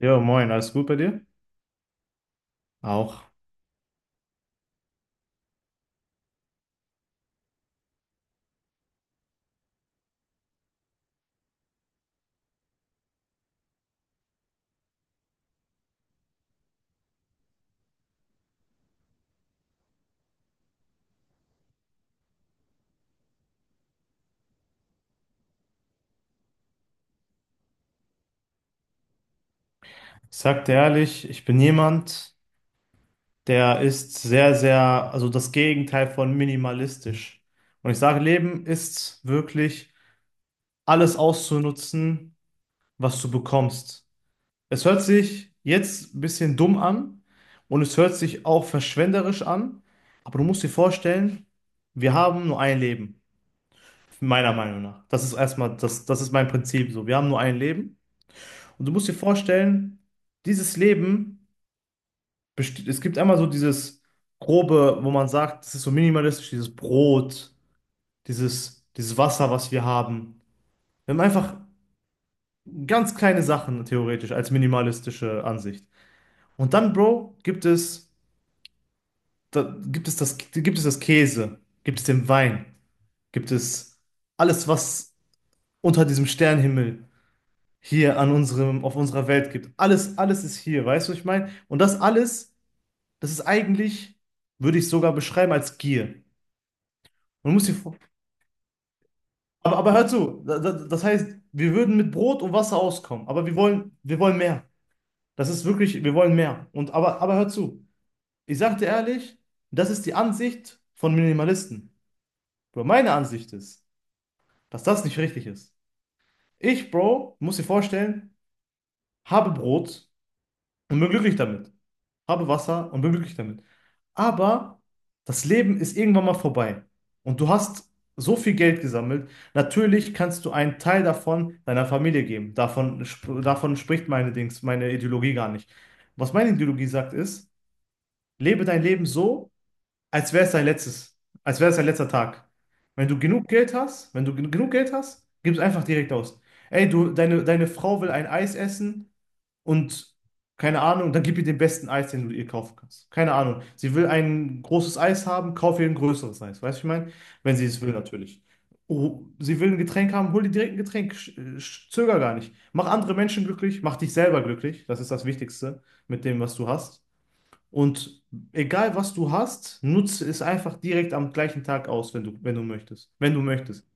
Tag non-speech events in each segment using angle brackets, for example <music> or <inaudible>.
Jo, moin, alles gut bei dir? Auch. Ich sag dir ehrlich, ich bin jemand, der ist sehr, sehr, also das Gegenteil von minimalistisch. Und ich sage, Leben ist wirklich alles auszunutzen, was du bekommst. Es hört sich jetzt ein bisschen dumm an und es hört sich auch verschwenderisch an, aber du musst dir vorstellen, wir haben nur ein Leben, meiner Meinung nach. Das ist erstmal, das ist mein Prinzip so. Wir haben nur ein Leben und du musst dir vorstellen, dieses Leben es gibt einmal so dieses grobe, wo man sagt, das ist so minimalistisch, dieses Brot, dieses Wasser, was wir haben. Wir haben einfach ganz kleine Sachen theoretisch als minimalistische Ansicht. Und dann, Bro, gibt es das Käse, gibt es den Wein, gibt es alles, was unter diesem Sternenhimmel hier an unserem, auf unserer Welt gibt. Alles, alles ist hier, weißt du, was ich meine? Und das alles, das ist eigentlich, würde ich sogar beschreiben als Gier. Man muss sich, aber hör zu, das heißt, wir würden mit Brot und Wasser auskommen, aber wir wollen mehr. Das ist wirklich, wir wollen mehr. Aber hör zu, ich sag dir ehrlich, das ist die Ansicht von Minimalisten. Bro, meine Ansicht ist, dass das nicht richtig ist. Ich, Bro, muss dir vorstellen, habe Brot und bin glücklich damit. Habe Wasser und bin glücklich damit. Aber das Leben ist irgendwann mal vorbei und du hast so viel Geld gesammelt. Natürlich kannst du einen Teil davon deiner Familie geben. Davon spricht meine Dings, meine Ideologie gar nicht. Was meine Ideologie sagt ist, lebe dein Leben so, als wäre es dein letztes, als wäre es dein letzter Tag. Wenn du genug Geld hast, wenn du gen- genug Geld hast, gib es einfach direkt aus. Ey, du, deine Frau will ein Eis essen und keine Ahnung, dann gib ihr den besten Eis, den du ihr kaufen kannst. Keine Ahnung. Sie will ein großes Eis haben, kauf ihr ein größeres Eis. Weißt du, was ich meine? Wenn sie es will, natürlich. Oh, sie will ein Getränk haben, hol dir direkt ein Getränk. Zöger gar nicht. Mach andere Menschen glücklich, mach dich selber glücklich. Das ist das Wichtigste mit dem, was du hast. Und egal, was du hast, nutze es einfach direkt am gleichen Tag aus, wenn du, wenn du möchtest. Wenn du möchtest.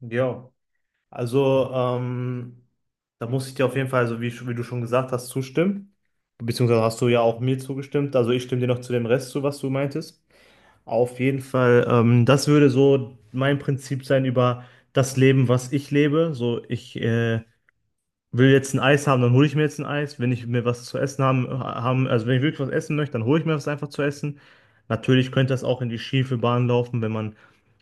Ja. Also, da muss ich dir auf jeden Fall, also wie, wie du schon gesagt hast, zustimmen. Beziehungsweise hast du ja auch mir zugestimmt. Also ich stimme dir noch zu dem Rest zu, was du meintest. Auf jeden Fall, das würde so mein Prinzip sein über das Leben, was ich lebe. So, ich will jetzt ein Eis haben, dann hole ich mir jetzt ein Eis. Wenn ich mir was zu essen haben, also wenn ich wirklich was essen möchte, dann hole ich mir was einfach zu essen. Natürlich könnte das auch in die schiefe Bahn laufen, wenn man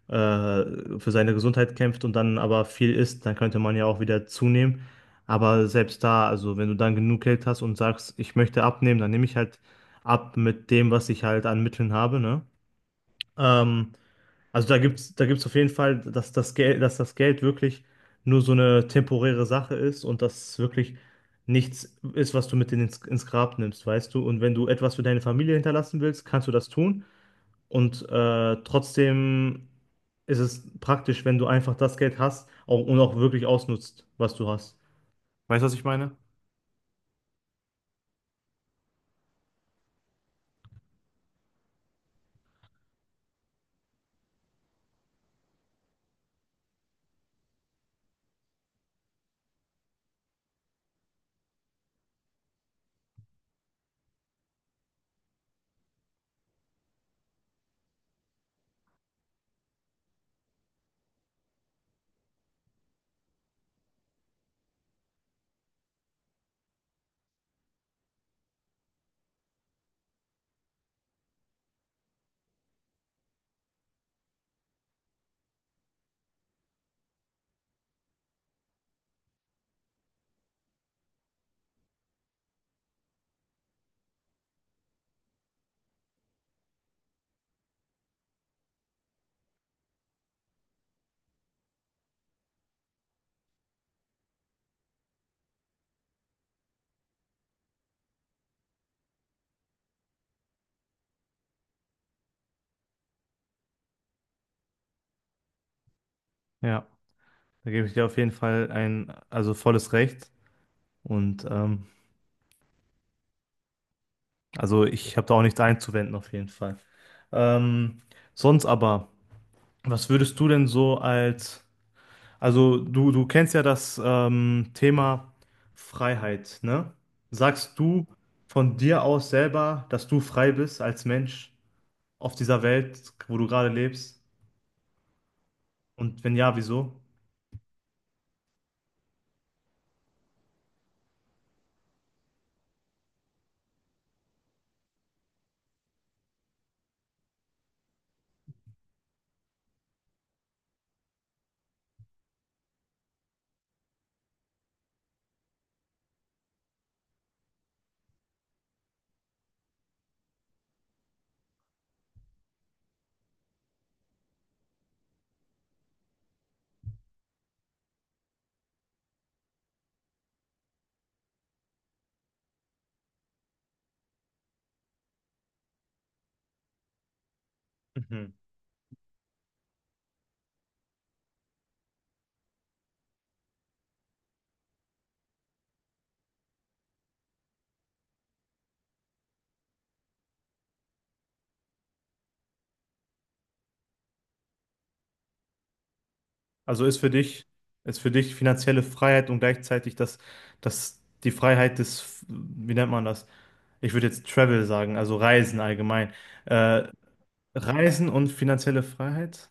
für seine Gesundheit kämpft und dann aber viel isst, dann könnte man ja auch wieder zunehmen. Aber selbst da, also wenn du dann genug Geld hast und sagst, ich möchte abnehmen, dann nehme ich halt ab mit dem, was ich halt an Mitteln habe, ne? Ähm, also da gibt's auf jeden Fall, dass das Geld wirklich nur so eine temporäre Sache ist und das wirklich nichts ist, was du mit ins Grab nimmst, weißt du? Und wenn du etwas für deine Familie hinterlassen willst, kannst du das tun. Trotzdem ist es praktisch, wenn du einfach das Geld hast auch, und auch wirklich ausnutzt, was du hast. Weißt du, was ich meine? Ja, da gebe ich dir auf jeden Fall ein, also volles Recht. Und also ich habe da auch nichts einzuwenden, auf jeden Fall. Ähm, sonst aber, was würdest du denn so als, also du kennst ja das Thema Freiheit, ne? Sagst du von dir aus selber, dass du frei bist als Mensch? Auf dieser Welt, wo du gerade lebst? Und wenn ja, wieso? Mhm. Also ist für dich finanzielle Freiheit und gleichzeitig das, das, die Freiheit des, wie nennt man das? Ich würde jetzt Travel sagen, also Reisen allgemein. Äh, Reisen und finanzielle Freiheit?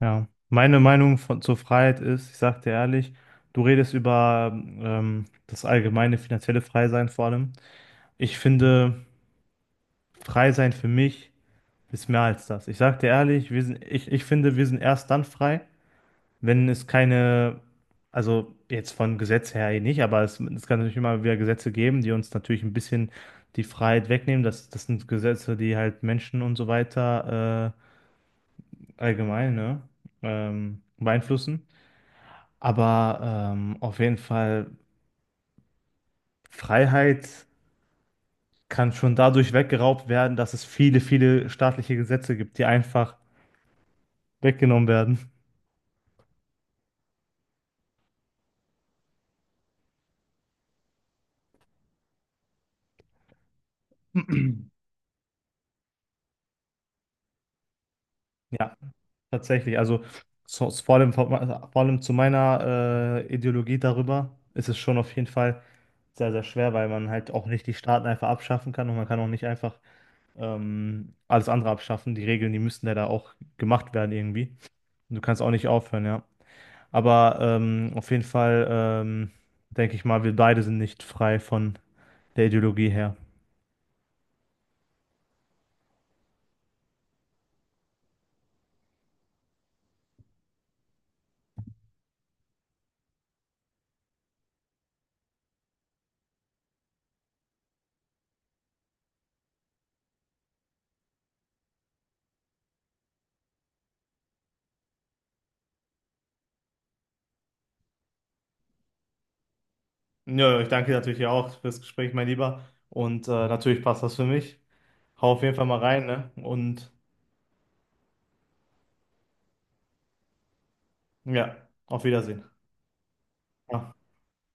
Ja. Meine Meinung von, zur Freiheit ist, ich sag dir ehrlich, du redest über das allgemeine finanzielle Freisein vor allem. Ich finde, Freisein für mich. Ist mehr als das. Ich sag dir ehrlich, wir sind, ich finde, wir sind erst dann frei, wenn es keine, also jetzt von Gesetz her eh nicht, aber es kann natürlich immer wieder Gesetze geben, die uns natürlich ein bisschen die Freiheit wegnehmen. Das sind Gesetze, die halt Menschen und so weiter allgemein, ne, beeinflussen. Aber auf jeden Fall, Freiheit kann schon dadurch weggeraubt werden, dass es viele, viele staatliche Gesetze gibt, die einfach weggenommen werden. <clears throat> Ja. Tatsächlich, also so, vor allem zu meiner Ideologie darüber ist es schon auf jeden Fall sehr, sehr schwer, weil man halt auch nicht die Staaten einfach abschaffen kann und man kann auch nicht einfach alles andere abschaffen. Die Regeln, die müssten ja da auch gemacht werden irgendwie. Und du kannst auch nicht aufhören, ja. Aber auf jeden Fall denke ich mal, wir beide sind nicht frei von der Ideologie her. Ja, ich danke dir natürlich auch fürs Gespräch, mein Lieber. Und natürlich passt das für mich. Hau auf jeden Fall mal rein, ne? Und ja, auf Wiedersehen. Ja.